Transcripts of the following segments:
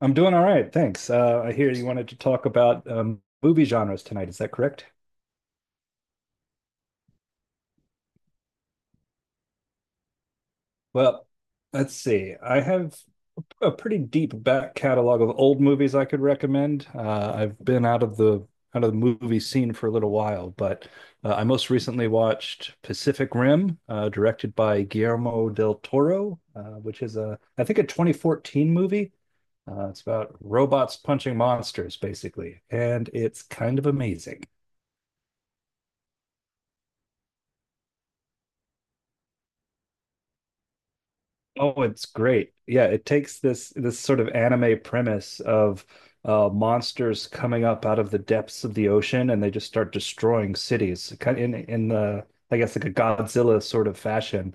I'm doing all right, thanks. I hear you wanted to talk about movie genres tonight. Is that correct? Well, let's see. I have a pretty deep back catalog of old movies I could recommend. I've been out of the movie scene for a little while, but I most recently watched Pacific Rim, directed by Guillermo del Toro, which is a I think a 2014 movie. It's about robots punching monsters, basically, and it's kind of amazing. Oh, it's great. Yeah, it takes this sort of anime premise of monsters coming up out of the depths of the ocean, and they just start destroying cities, kind in the I guess like a Godzilla sort of fashion.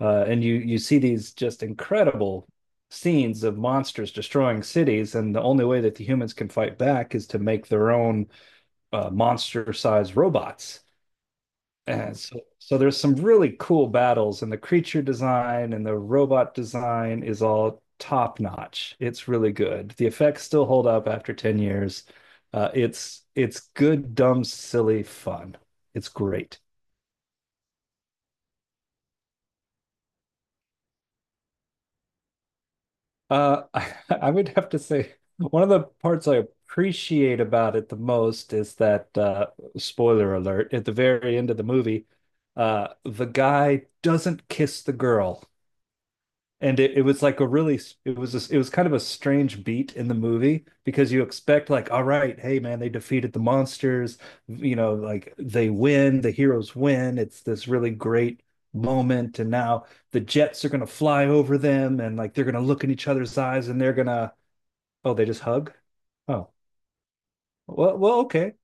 And you see these just incredible scenes of monsters destroying cities, and the only way that the humans can fight back is to make their own monster-sized robots. And so, there's some really cool battles, and the creature design and the robot design is all top notch. It's really good. The effects still hold up after 10 years. It's good, dumb, silly fun. It's great. I would have to say one of the parts I appreciate about it the most is that spoiler alert, at the very end of the movie, the guy doesn't kiss the girl. And it was like a really it was kind of a strange beat in the movie, because you expect, like, all right, hey man, they defeated the monsters, you know, like they win, the heroes win, it's this really great moment, and now the jets are going to fly over them, and like they're going to look in each other's eyes, and they're going to, oh, they just hug. Oh, okay.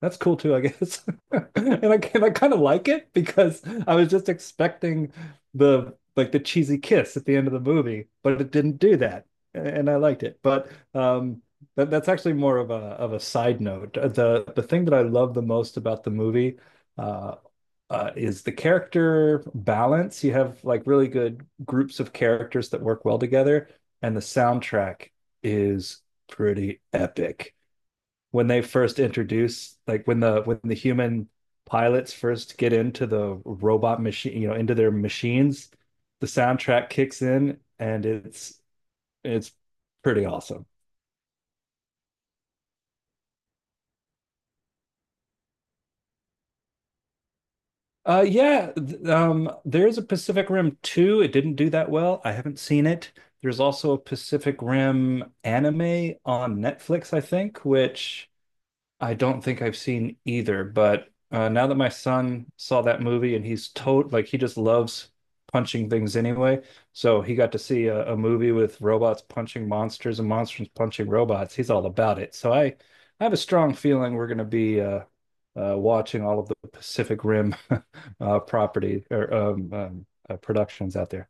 That's cool too, I guess. And I kind of like it because I was just expecting the like the cheesy kiss at the end of the movie, but it didn't do that, and I liked it. But that's actually more of a side note. The thing that I love the most about the movie uh, is the character balance. You have like really good groups of characters that work well together, and the soundtrack is pretty epic when they first introduce, like, when the human pilots first get into the robot machine, you know, into their machines, the soundtrack kicks in, and it's pretty awesome. Yeah, there's a Pacific Rim 2. It didn't do that well. I haven't seen it. There's also a Pacific Rim anime on Netflix, I think, which I don't think I've seen either, but now that my son saw that movie, and he's tot like he just loves punching things anyway, so he got to see a movie with robots punching monsters and monsters punching robots. He's all about it. So I have a strong feeling we're going to be watching all of the Pacific Rim property or productions out there.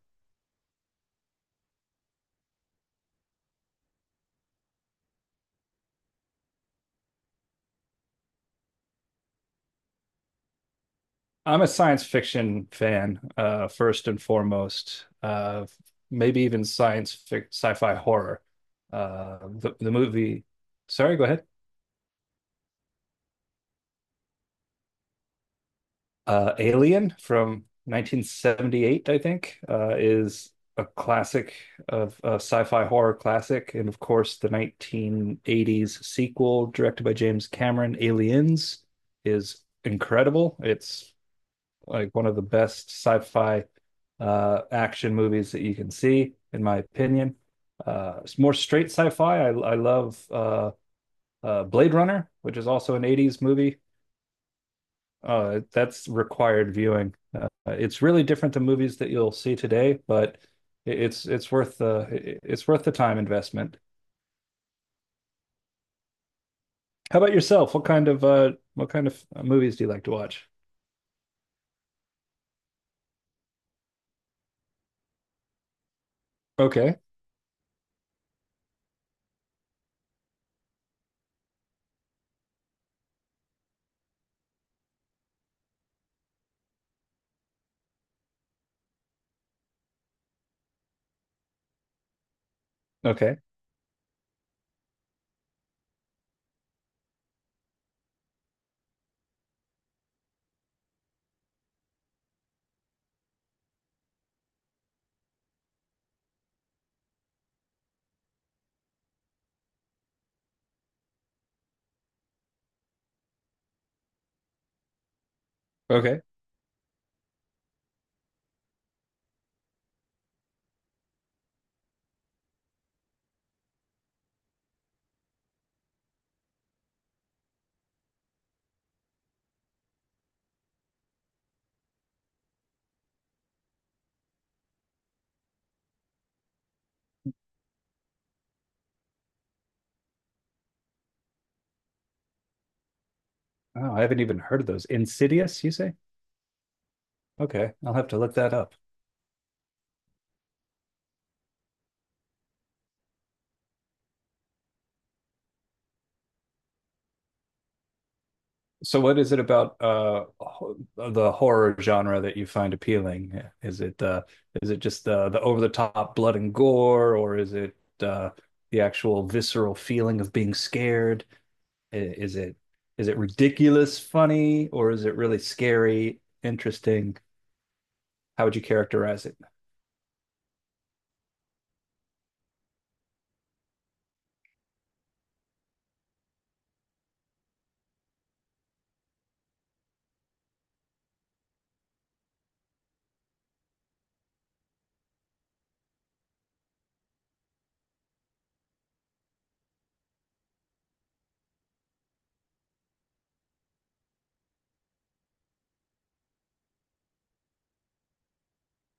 I'm a science fiction fan, first and foremost. Maybe even science fic sci-fi horror. Uh, the the movie, Sorry, go ahead. Alien from 1978, I think, is a classic, of a sci-fi horror classic, and of course, the 1980s sequel directed by James Cameron, Aliens, is incredible. It's like one of the best sci-fi action movies that you can see, in my opinion. It's more straight sci-fi. I love Blade Runner, which is also an 80s movie. That's required viewing. It's really different than movies that you'll see today, but it's it's worth the it's worth the time investment. How about yourself? What kind of movies do you like to watch? Okay, okay, okay. Oh, I haven't even heard of those. Insidious, you say? Okay, I'll have to look that up. So what is it about the horror genre that you find appealing? Is it uh is it just the over the top blood and gore, or is it uh the actual visceral feeling of being scared? Is it ridiculous funny, or is it really scary, interesting? How would you characterize it?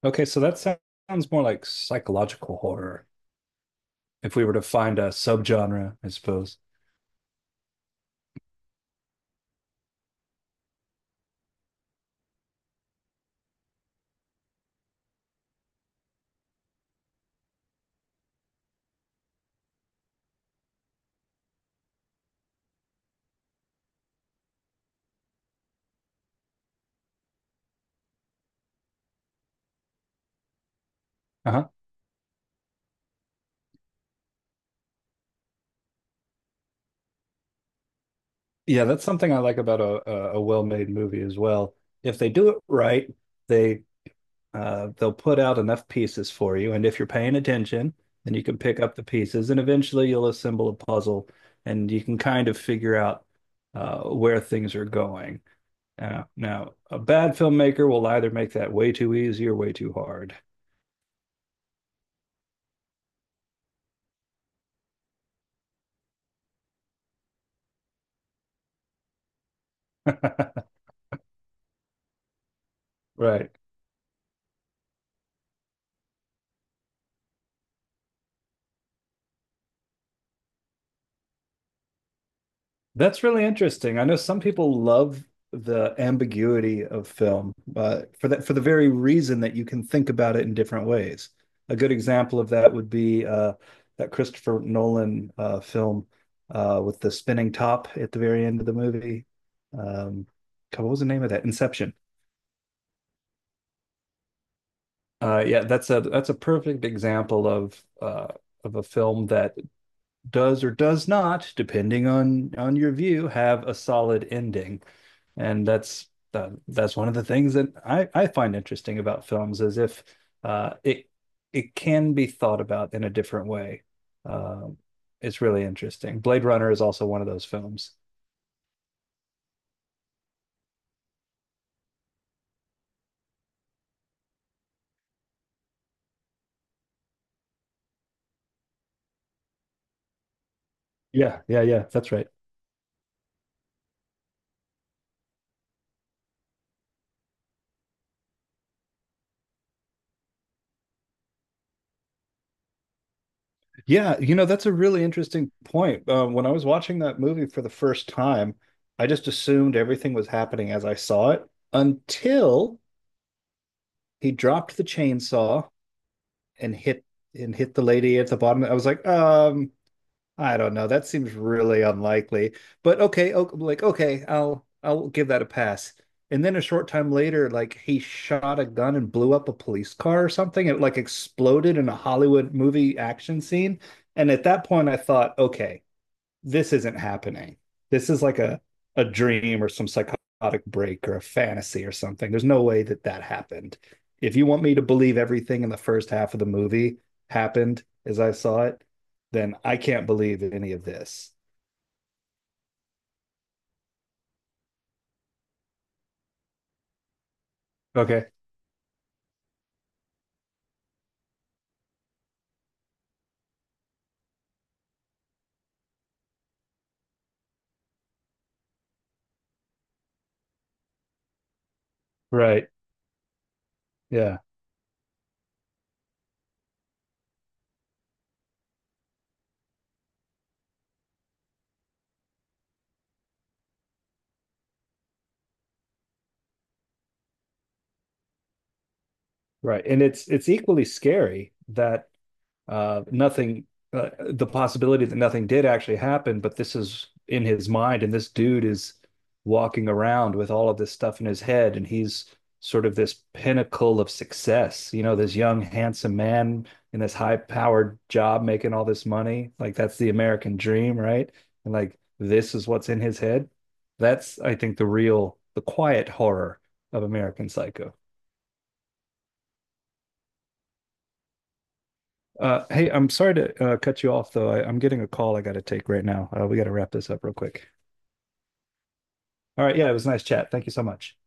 Okay, so that sounds more like psychological horror, if we were to find a subgenre, I suppose. Yeah, that's something I like about a well-made movie as well. If they do it right, they they'll put out enough pieces for you, and if you're paying attention, then you can pick up the pieces, and eventually you'll assemble a puzzle, and you can kind of figure out where things are going. Now, a bad filmmaker will either make that way too easy or way too hard. Right. That's really interesting. I know some people love the ambiguity of film, for that for the very reason that you can think about it in different ways. A good example of that would be that Christopher Nolan film with the spinning top at the very end of the movie. Um, God, what was the name of that? Inception. Yeah, that's a perfect example of a film that does or does not, depending on your view, have a solid ending, and that's one of the things that I find interesting about films, is if uh, it it can be thought about in a different way. Um it's really interesting. Blade Runner is also one of those films. Yeah, yeah, yeah. That's right. Yeah, you know, that's a really interesting point. When I was watching that movie for the first time, I just assumed everything was happening as I saw it, until he dropped the chainsaw and hit the lady at the bottom. I was like, I don't know. That seems really unlikely. But okay, o like okay, I'll give that a pass. And then a short time later, like he shot a gun and blew up a police car or something. It like exploded in a Hollywood movie action scene. And at that point, I thought, okay, this isn't happening. This is like a dream or some psychotic break or a fantasy or something. There's no way that that happened. If you want me to believe everything in the first half of the movie happened as I saw it, then I can't believe any of this. Okay. Right. Yeah. Right. And it's equally scary that nothing, the possibility that nothing did actually happen, but this is in his mind, and this dude is walking around with all of this stuff in his head, and he's sort of this pinnacle of success, you know, this young, handsome man in this high-powered job making all this money. Like that's the American dream, right? And like this is what's in his head. That's, I think, the real, the quiet horror of American Psycho. Hey, I'm sorry to cut you off, though. I'm getting a call I got to take right now. We got to wrap this up real quick. All right. Yeah, it was nice chat. Thank you so much.